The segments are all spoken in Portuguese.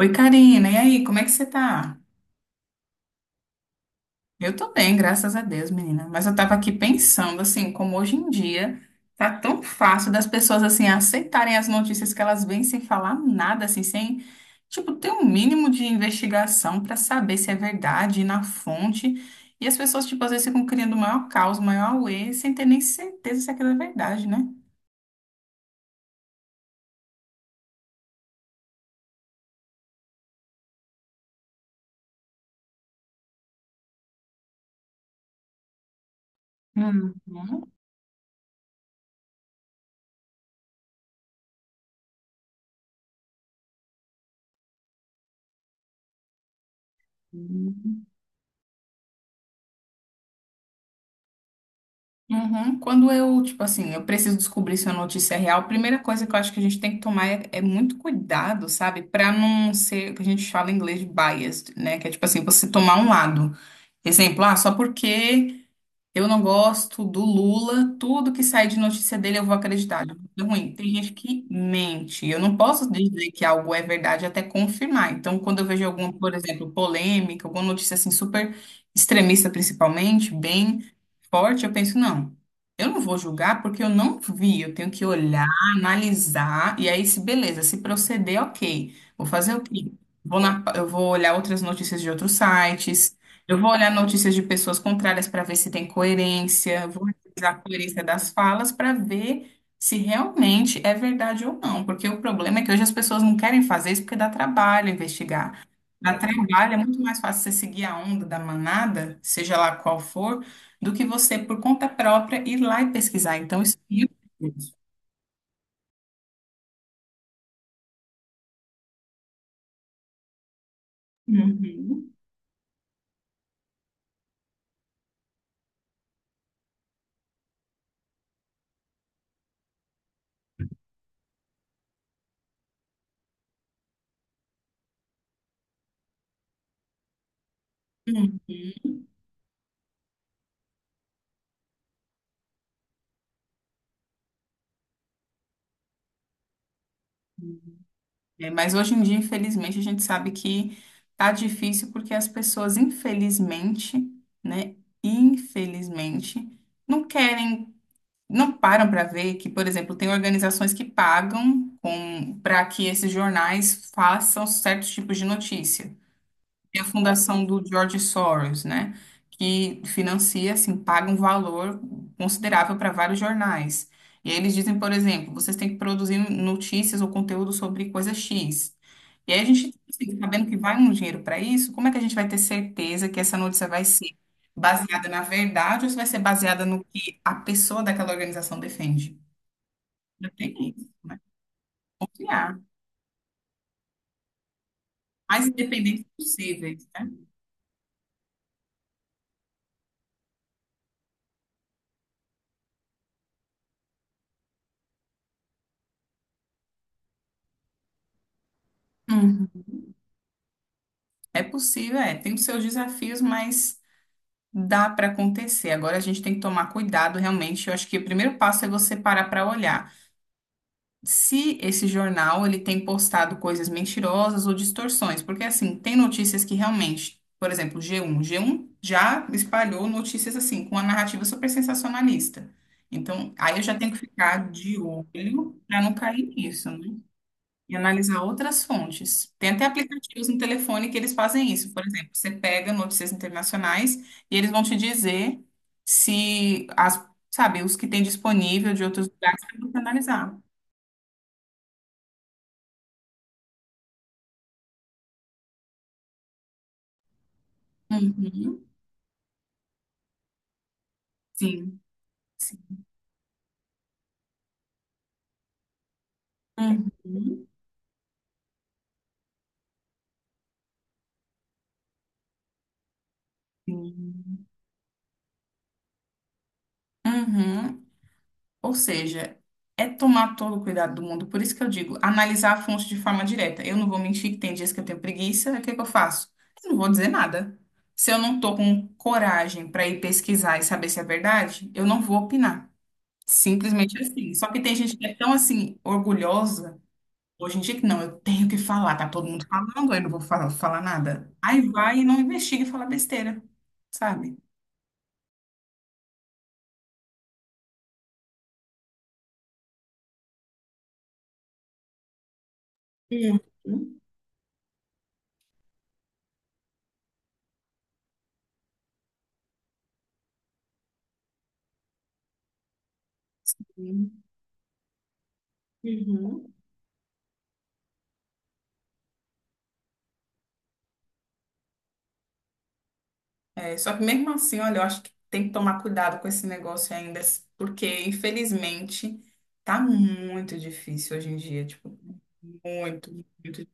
Oi, Karina, e aí, como é que você tá? Eu tô bem, graças a Deus, menina. Mas eu tava aqui pensando, assim, como hoje em dia tá tão fácil das pessoas, assim, aceitarem as notícias que elas vêm sem falar nada, assim, sem, tipo, ter um mínimo de investigação pra saber se é verdade, ir na fonte. E as pessoas, tipo, às vezes ficam criando o maior caos, o maior auê, sem ter nem certeza se aquilo é verdade, né? Uhum. Uhum. Quando eu, tipo assim, eu preciso descobrir se a notícia é real, a primeira coisa que eu acho que a gente tem que tomar é, é muito cuidado, sabe? Pra não ser, o que a gente fala em inglês, de biased, né? Que é tipo assim, você tomar um lado. Exemplo, ah, só porque eu não gosto do Lula, tudo que sai de notícia dele eu vou acreditar. É ruim. Tem gente que mente. Eu não posso dizer que algo é verdade até confirmar. Então, quando eu vejo alguma, por exemplo, polêmica, alguma notícia assim super extremista, principalmente, bem forte, eu penso, não, eu não vou julgar porque eu não vi, eu tenho que olhar, analisar, e aí se beleza, se proceder, ok. Vou fazer o quê? Vou na, eu vou olhar outras notícias de outros sites, eu vou olhar notícias de pessoas contrárias para ver se tem coerência, vou analisar a coerência das falas para ver se realmente é verdade ou não, porque o problema é que hoje as pessoas não querem fazer isso porque dá trabalho investigar. Dá trabalho, é muito mais fácil você seguir a onda da manada, seja lá qual for, do que você, por conta própria, ir lá e pesquisar. Então, isso. É mil por cento. Uhum. Uhum. É, mas hoje em dia, infelizmente, a gente sabe que tá difícil porque as pessoas, infelizmente, né, infelizmente, não querem, não param para ver que, por exemplo, tem organizações que pagam com para que esses jornais façam certos tipos de notícia. E a fundação do George Soros, né? Que financia, assim, paga um valor considerável para vários jornais. E aí eles dizem, por exemplo, vocês têm que produzir notícias ou conteúdo sobre coisa X. E aí a gente, assim, sabendo que vai um dinheiro para isso, como é que a gente vai ter certeza que essa notícia vai ser baseada na verdade ou se vai ser baseada no que a pessoa daquela organização defende? Não tem isso, né? Criar. Mais independentes possíveis, né? Uhum. É possível, é. Tem os seus desafios, mas dá para acontecer. Agora a gente tem que tomar cuidado, realmente. Eu acho que o primeiro passo é você parar para olhar se esse jornal ele tem postado coisas mentirosas ou distorções, porque assim, tem notícias que realmente, por exemplo, G1, G1 já espalhou notícias assim com a narrativa super sensacionalista. Então, aí eu já tenho que ficar de olho para não cair nisso, né? E analisar outras fontes. Tem até aplicativos no telefone que eles fazem isso. Por exemplo, você pega notícias internacionais e eles vão te dizer se as, sabe, os que tem disponível de outros lugares para você analisar. Uhum. Sim. Sim. Uhum. Sim. Uhum. Ou seja, é tomar todo o cuidado do mundo. Por isso que eu digo, analisar a fonte de forma direta. Eu não vou mentir que tem dias que eu tenho preguiça, o que que eu faço? Eu não vou dizer nada. Se eu não tô com coragem para ir pesquisar e saber se é verdade, eu não vou opinar. Simplesmente assim. Só que tem gente que é tão assim orgulhosa hoje em dia que não, eu tenho que falar, tá todo mundo falando, eu não vou falar, falar nada. Aí vai e não investiga e fala besteira, sabe? Uhum. Uhum. É, só que mesmo assim, olha, eu acho que tem que tomar cuidado com esse negócio ainda, porque infelizmente tá muito difícil hoje em dia, tipo, muito, muito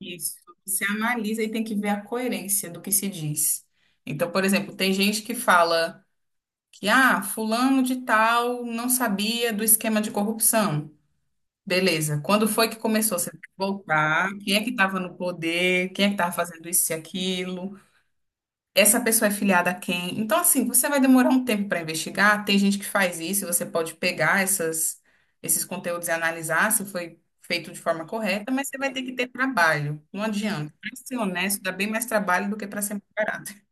difícil. Você analisa e tem que ver a coerência do que se diz. Então, por exemplo, tem gente que fala que, ah, fulano de tal não sabia do esquema de corrupção. Beleza, quando foi que começou? Você tem que voltar, quem é que estava no poder, quem é que estava fazendo isso e aquilo? Essa pessoa é filiada a quem. Então, assim, você vai demorar um tempo para investigar. Tem gente que faz isso, e você pode pegar essas, esses conteúdos e analisar se foi feito de forma correta, mas você vai ter que ter trabalho. Não adianta. Para ser honesto, dá bem mais trabalho do que para ser mais barato.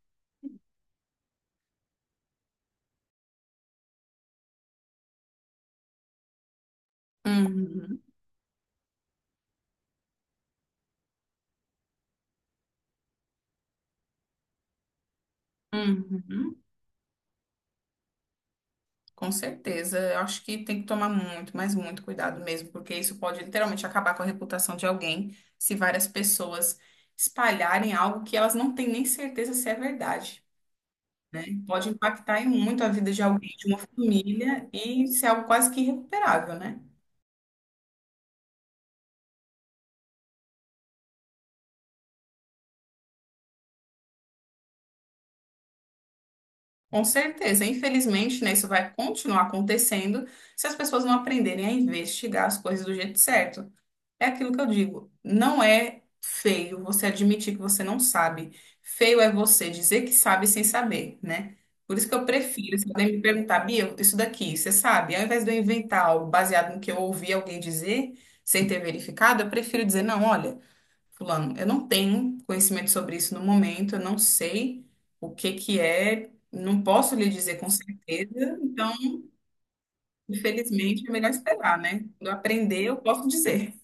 Uhum, uhum. Com certeza. Eu acho que tem que tomar muito, mas muito cuidado mesmo, porque isso pode literalmente acabar com a reputação de alguém se várias pessoas espalharem algo que elas não têm nem certeza se é verdade. Pode impactar em muito a vida de alguém, de uma família, e ser algo quase que irrecuperável, né? Com certeza. Infelizmente, né, isso vai continuar acontecendo se as pessoas não aprenderem a investigar as coisas do jeito certo. É aquilo que eu digo. Não é feio você admitir que você não sabe. Feio é você dizer que sabe sem saber, né? Por isso que eu prefiro, se alguém me perguntar, Bia, isso daqui, você sabe? Ao invés de eu inventar algo baseado no que eu ouvi alguém dizer, sem ter verificado, eu prefiro dizer, não, olha. Fulano, eu não tenho conhecimento sobre isso no momento, eu não sei o que que é, não posso lhe dizer com certeza, então, infelizmente, é melhor esperar, né? Quando eu aprender, eu posso dizer.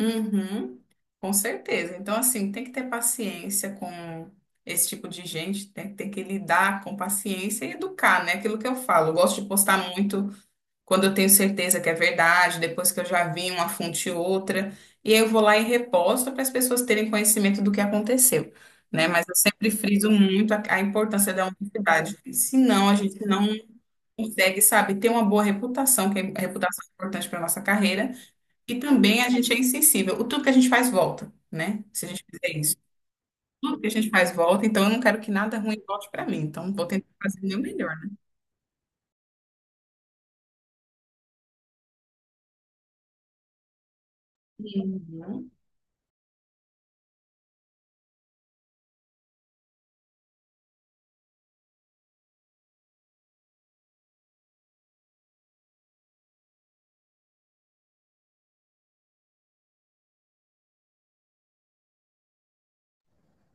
Uhum, com certeza. Então, assim, tem que ter paciência com esse tipo de gente, tem, tem que lidar com paciência e educar, né? Aquilo que eu falo. Eu gosto de postar muito quando eu tenho certeza que é verdade, depois que eu já vi uma fonte e outra, e aí eu vou lá e reposto para as pessoas terem conhecimento do que aconteceu, né? Mas eu sempre friso muito a importância da honestidade. Senão a gente não consegue, sabe, ter uma boa reputação, que é, a reputação é importante para nossa carreira, e também a gente é insensível. O tudo que a gente faz volta, né? Se a gente fizer isso. Tudo que a gente faz volta, então eu não quero que nada ruim volte para mim. Então, vou tentar fazer o meu melhor, né? Uhum.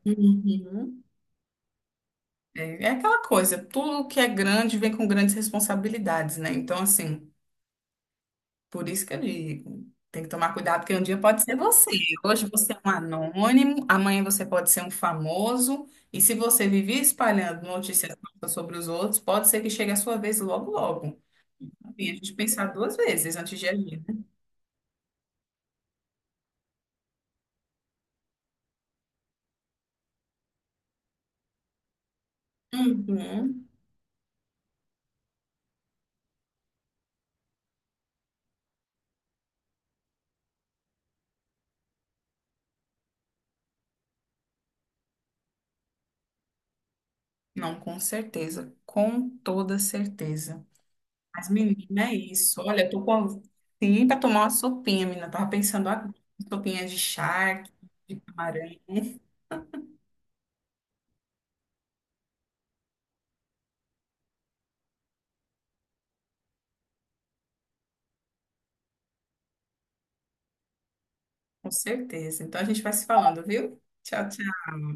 Uhum. É, é aquela coisa, tudo que é grande vem com grandes responsabilidades, né? Então, assim, por isso que eu digo, tem que tomar cuidado, porque um dia pode ser você. Hoje você é um anônimo, amanhã você pode ser um famoso, e se você viver espalhando notícias falsas sobre os outros, pode ser que chegue a sua vez logo, logo. Enfim, a gente pensar duas vezes antes de agir, né? Uhum. Não, com certeza, com toda certeza. Mas, menina, é isso. Olha, eu tô com sim pra tomar uma sopinha, menina. Eu tava pensando agora. Sopinha de charque, de camarão, com certeza. Então a gente vai se falando, viu? Tchau, tchau.